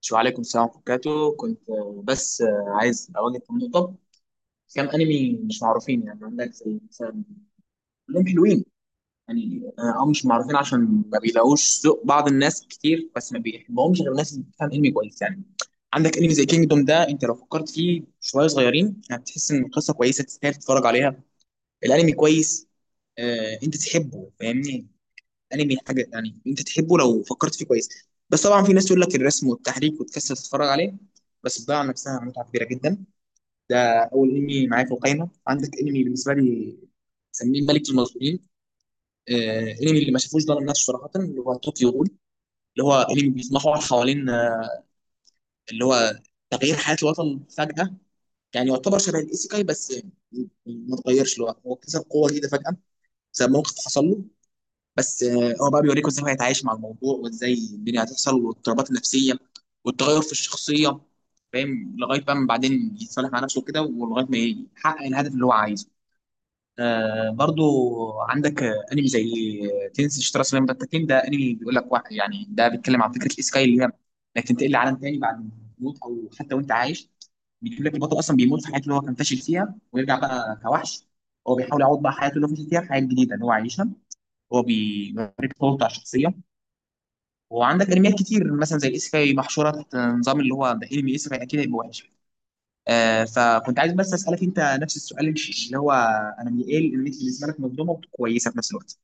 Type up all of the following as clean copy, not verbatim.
شو عليكم السلام ورحمة الله وبركاته. كنت آه، بس آه، عايز أواجه في النقطة كام أنمي مش معروفين. يعني عندك زي مثلا، كلهم حلوين. يعني أو مش معروفين عشان ما بيلاقوش ذوق. بعض الناس كتير بس ما بيحبهمش غير الناس اللي بتفهم أنمي كويس. يعني عندك أنمي زي كينجدوم ده، أنت لو فكرت فيه شوية صغيرين هتحس إن القصة كويسة تستاهل تتفرج عليها. الأنمي كويس، أنت تحبه، فاهمني. الانمي حاجه يعني انت تحبه لو فكرت فيه كويس. بس طبعا في ناس تقول لك الرسم والتحريك وتكسل تتفرج عليه، بس بتضيع عن نفسها متعه كبيره جدا. ده اول انمي معايا في القايمه. عندك انمي بالنسبه لي مسميه ملك المظلومين. آه، انمي اللي ما شافوش ظلم نفسه صراحه اللي هو طوكيو غول، اللي هو انمي بيتمحور حوالين اللي هو تغيير حياه الوطن فجاه. يعني يعتبر شبه الايسيكاي بس ما اتغيرش، اللي هو هو اكتسب قوه جديده فجاه بسبب موقف حصل له. بس هو بقى بيوريكوا ازاي هو هيتعايش مع الموضوع، وازاي الدنيا هتحصل، والاضطرابات النفسيه والتغير في الشخصيه، فاهم؟ لغايه بقى ما بعدين يتصالح مع نفسه كده، ولغايه ما يحقق الهدف اللي هو عايزه. آه، برضو عندك انمي زي تنسي شترا سلام، ده التكليم ده انمي بيقول لك واحد، يعني ده بيتكلم عن فكره الاسكاي اللي هي انك تنتقل لعالم تاني بعد الموت او حتى وانت عايش. بيجيب لك البطل اصلا بيموت في حياته اللي هو كان فاشل فيها، ويرجع بقى كوحش. هو بيحاول يعوض بقى حياته اللي هو فاشل فيها في حياه جديده اللي هو عايشها. هو بيوريك طور بتاع الشخصيه. وعندك انميات كتير مثلا زي الايسيكاي محشوره تحت نظام، اللي هو ده انمي ايسيكاي اكيد هيبقى وحش. آه، فكنت عايز بس اسالك انت نفس السؤال، اللي هو انمي ايه الانميات بالنسبه لك مظلومه وكويسه في نفس الوقت؟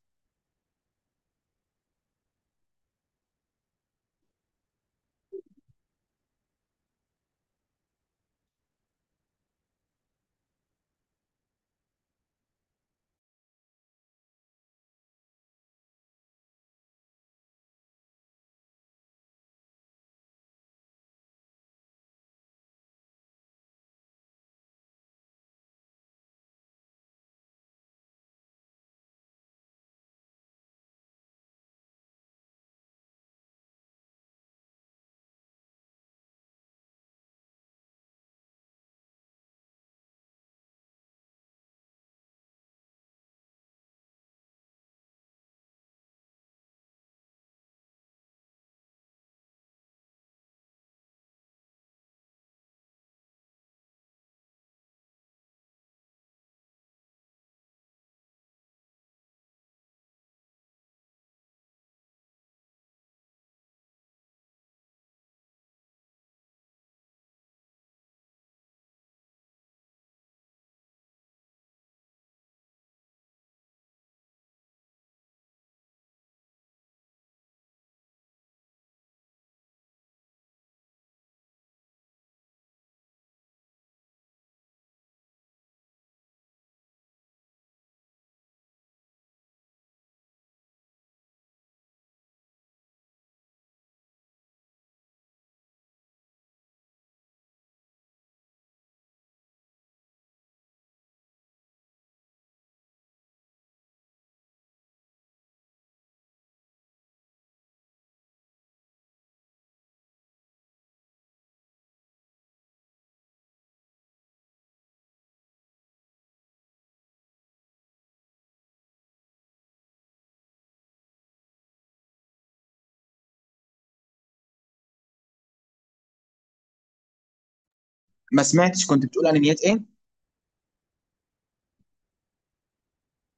ما سمعتش، كنت بتقول انميات ايه؟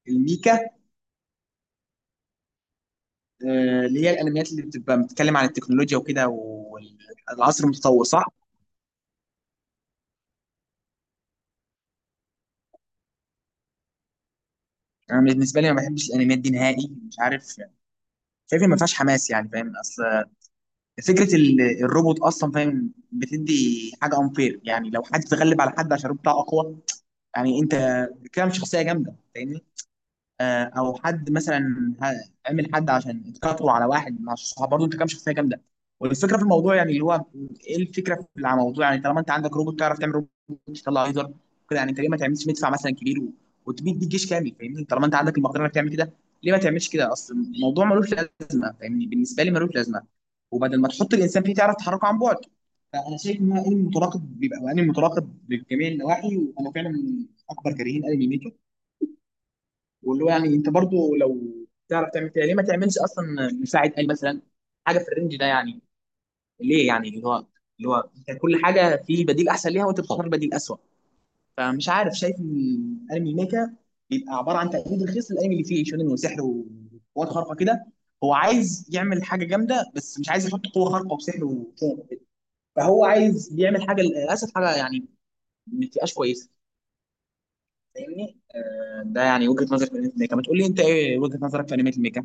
الميكا؟ آه، اللي هي الانميات اللي بتبقى بتتكلم عن التكنولوجيا وكده والعصر المتطور، صح؟ انا بالنسبه لي ما بحبش الانميات دي نهائي، مش عارف، شايف إن ما فيهاش حماس، يعني فاهم؟ اصل فكره الروبوت اصلا، فاهم، بتدي حاجه انفير، يعني لو حد تغلب على حد عشان الروبوت بتاعه اقوى، يعني انت كده مش شخصيه جامده، فاهمني؟ او حد مثلا عمل حد عشان اتكتروا على واحد مع الصحاب، برضه انت كام شخصيه جامده. والفكره في الموضوع، يعني اللي هو ايه الفكره في الموضوع؟ يعني طالما انت عندك روبوت تعرف تعمل روبوت تطلع ليزر كده، يعني انت ليه ما تعملش مدفع مثلا كبير وتبيد بيه جيش كامل، فاهمني؟ طالما انت عندك المقدره انك تعمل كده، ليه ما تعملش كده؟ اصل الموضوع ملوش لازمه، فاهمني، بالنسبه لي ملوش لازمه. وبدل ما تحط الانسان فيه تعرف تحركه عن بعد. فانا شايف ان هو انمي متراقب، بيبقى انمي متراقب بجميع النواحي، وانا فعلا من اكبر كارهين انمي ميكر. واللي هو يعني انت برضو لو تعرف تعمل كده، ليه ما تعملش اصلا مساعد قال مثلا حاجه في الرينج ده؟ يعني ليه يعني اللي هو انت كل حاجه في بديل احسن ليها وانت بتختار بديل اسوء؟ فمش عارف، شايف ان الانمي ميكا بيبقى عباره عن تقليد رخيص للانمي اللي فيه شونن وسحر وقوات خارقه كده. هو عايز يعمل حاجه جامده بس مش عايز يحط قوه خارقه وسحر وكده، فهو عايز يعمل حاجه، للاسف حاجه يعني ما تبقاش كويسه، فاهمني؟ ده يعني وجهه نظري في انمي ميكا، ما تقول لي انت ايه وجهه نظرك في انمي ميكا؟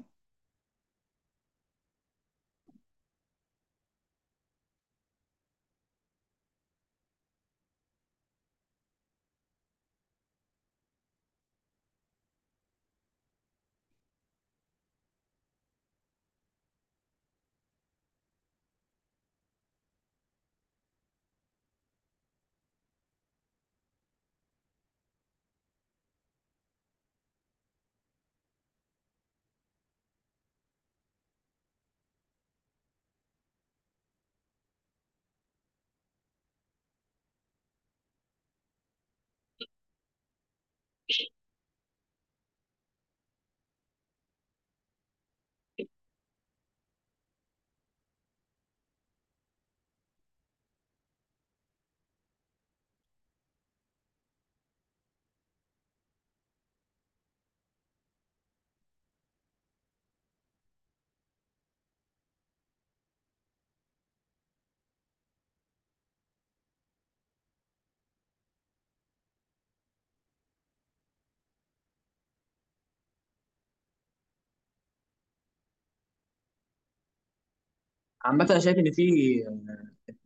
عامة أنا شايف إن في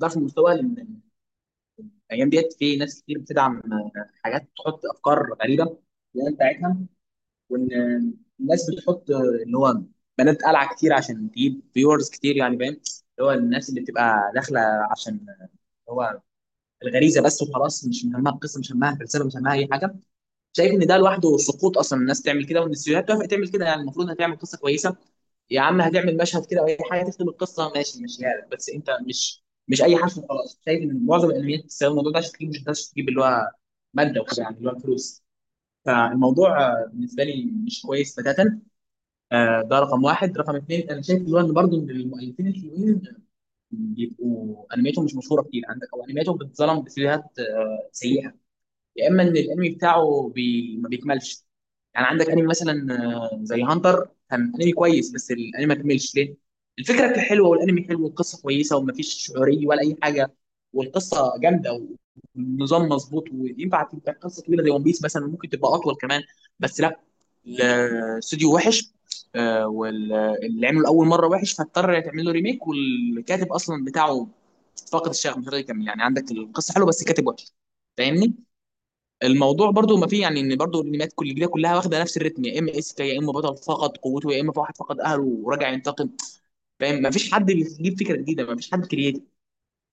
ضعف في المستوى، لأن الأيام ديت في ناس كتير بتدعم حاجات، تحط أفكار غريبة اللي بتاعتها. وإن الناس بتحط اللي هو بنات قلعة كتير عشان تجيب فيورز كتير، يعني فاهم؟ اللي هو الناس اللي بتبقى داخلة عشان اللي هو الغريزة بس وخلاص، مش مهمها القصة، مش مهمها الفلسفة، مش مهمها أي حاجة. شايف ان ده لوحده سقوط اصلا الناس تعمل كده، وان السيناريوهات توافق تعمل كده. يعني المفروض هتعمل قصه كويسه، يا عم هتعمل مشهد كده او اي حاجه تختم القصه، ماشي ماشي يعني، بس انت مش اي حرف خلاص. شايف ان معظم الانميات بتستخدم الموضوع ده عشان تجيب، مش ده عشان تجيب اللي هو ماده وكده، يعني اللي هو فلوس. فالموضوع بالنسبه لي مش كويس بتاتا. ده رقم واحد. رقم اثنين، انا شايف اللي هو ان برضه إن المؤلفين الحلوين بيبقوا انمياتهم مش مشهوره كتير عندك، او انمياتهم بتتظلم بسيناريوهات سيئه، يا اما ان الانمي بتاعه ما بيكملش. يعني عندك انمي مثلا زي هانتر، كان انمي كويس بس الانمي ما كملش ليه؟ الفكره كانت حلوه، والانمي حلو، والقصه كويسه، ومفيش شعوريه ولا اي حاجه، والقصه جامده، والنظام مظبوط، وينفع تبقى قصه طويله زي ون بيس مثلا، ممكن تبقى اطول كمان، بس لا، الاستوديو وحش. واللي عمله اول مره وحش فاضطر تعمل له ريميك، والكاتب اصلا بتاعه فاقد الشغف مش راضي يكمل. يعني عندك القصه حلوه بس الكاتب وحش، فاهمني؟ الموضوع برضو ما فيه، يعني ان برضو الانميات كل الجديده كلها واخده نفس الريتم، يا اما اس كي، يا اما بطل فقد قوته، يا اما واحد فقد اهله وراجع ينتقم، فاهم؟ ما فيش حد بيجيب فكره جديده، ما فيش حد كرييتيف،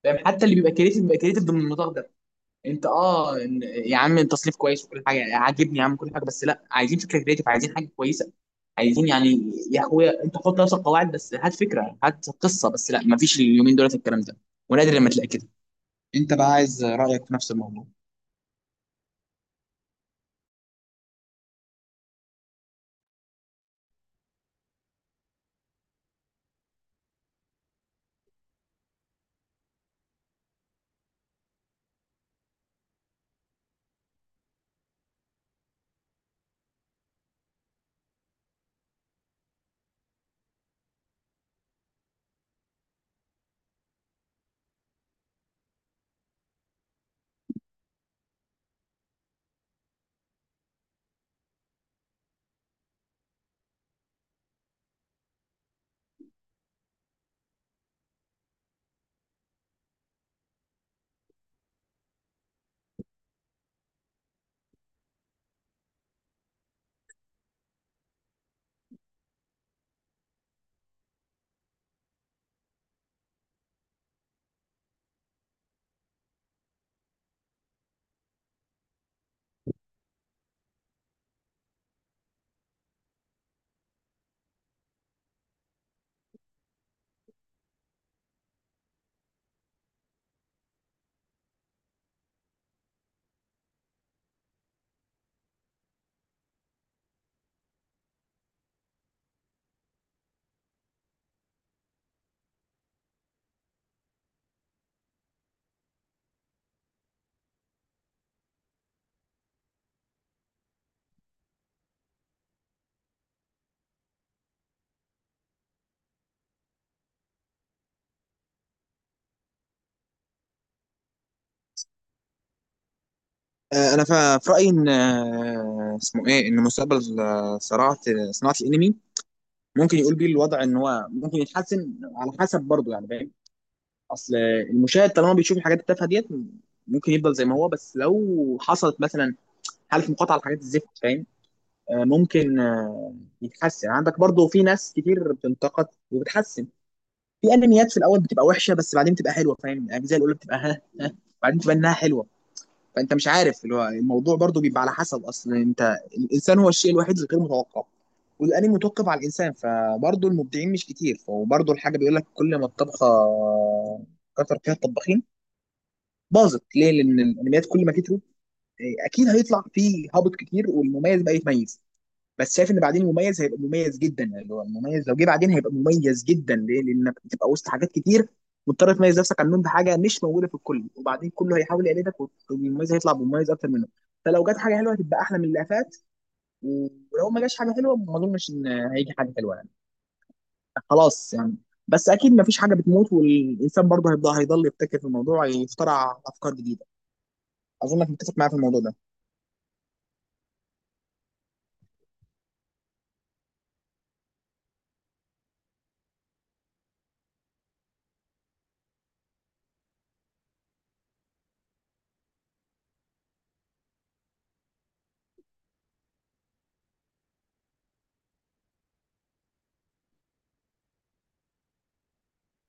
فاهم؟ حتى اللي بيبقى كرييتيف بيبقى كرييتيف ضمن النطاق ده. انت يا عم التصنيف كويس وكل حاجه عاجبني، يا عم كل حاجه، بس لا، عايزين فكره كرييتيف، عايزين حاجه كويسه، عايزين يعني، يا اخويا انت حط نفس القواعد بس هات فكره، هات قصه، بس لا، ما فيش اليومين دولت الكلام ده، ونادر لما تلاقي كده. انت بقى عايز رايك في نفس الموضوع. انا في رايي ان اسمه ايه، ان مستقبل صناعه صناعه الانمي ممكن يقول بيه الوضع ان هو ممكن يتحسن على حسب برضه، يعني فاهم؟ اصل المشاهد طالما بيشوف الحاجات التافهه ديت ممكن يفضل زي ما هو، بس لو حصلت مثلا حاله مقاطعه لحاجات الزفت، فاهم؟ ممكن يتحسن. عندك برضه في ناس كتير بتنتقد وبتحسن، في انميات في الاول بتبقى وحشه بس بعدين بتبقى حلوه، فاهم؟ الاجزاء الاولى بتبقى ها ها، بعدين بتبقى انها حلوه. فانت مش عارف اللي هو الموضوع برضو بيبقى على حسب اصلا. انت الانسان هو الشيء الوحيد الغير متوقع، والانمي متوقف على الانسان. فبرضو المبدعين مش كتير، فبرضو الحاجه بيقول لك كل ما الطبخه كتر فيها الطباخين باظت، ليه؟ لان الانميات كل ما كتروا إيه، اكيد هيطلع فيه هابط كتير، والمميز بقى يتميز. بس شايف ان بعدين مميز هيبقى مميز جدا، اللي هو المميز لو جه بعدين هيبقى مميز جدا، ليه؟ لانك بتبقى وسط حاجات كتير، مضطر تميز نفسك عنهم بحاجه مش موجوده في الكل، وبعدين كله هيحاول يقلدك، والمميز هيطلع بمميز اكتر منه. فلو جت حاجه حلوه هتبقى احلى من اللي فات، ولو ما جاش حاجه حلوه ما اظنش ان هيجي حاجه حلوه، يعني خلاص يعني. بس اكيد ما فيش حاجه بتموت، والانسان برضه هيبقى هيضل يبتكر في الموضوع، يخترع افكار جديده. اظنك متفق معايا في الموضوع ده.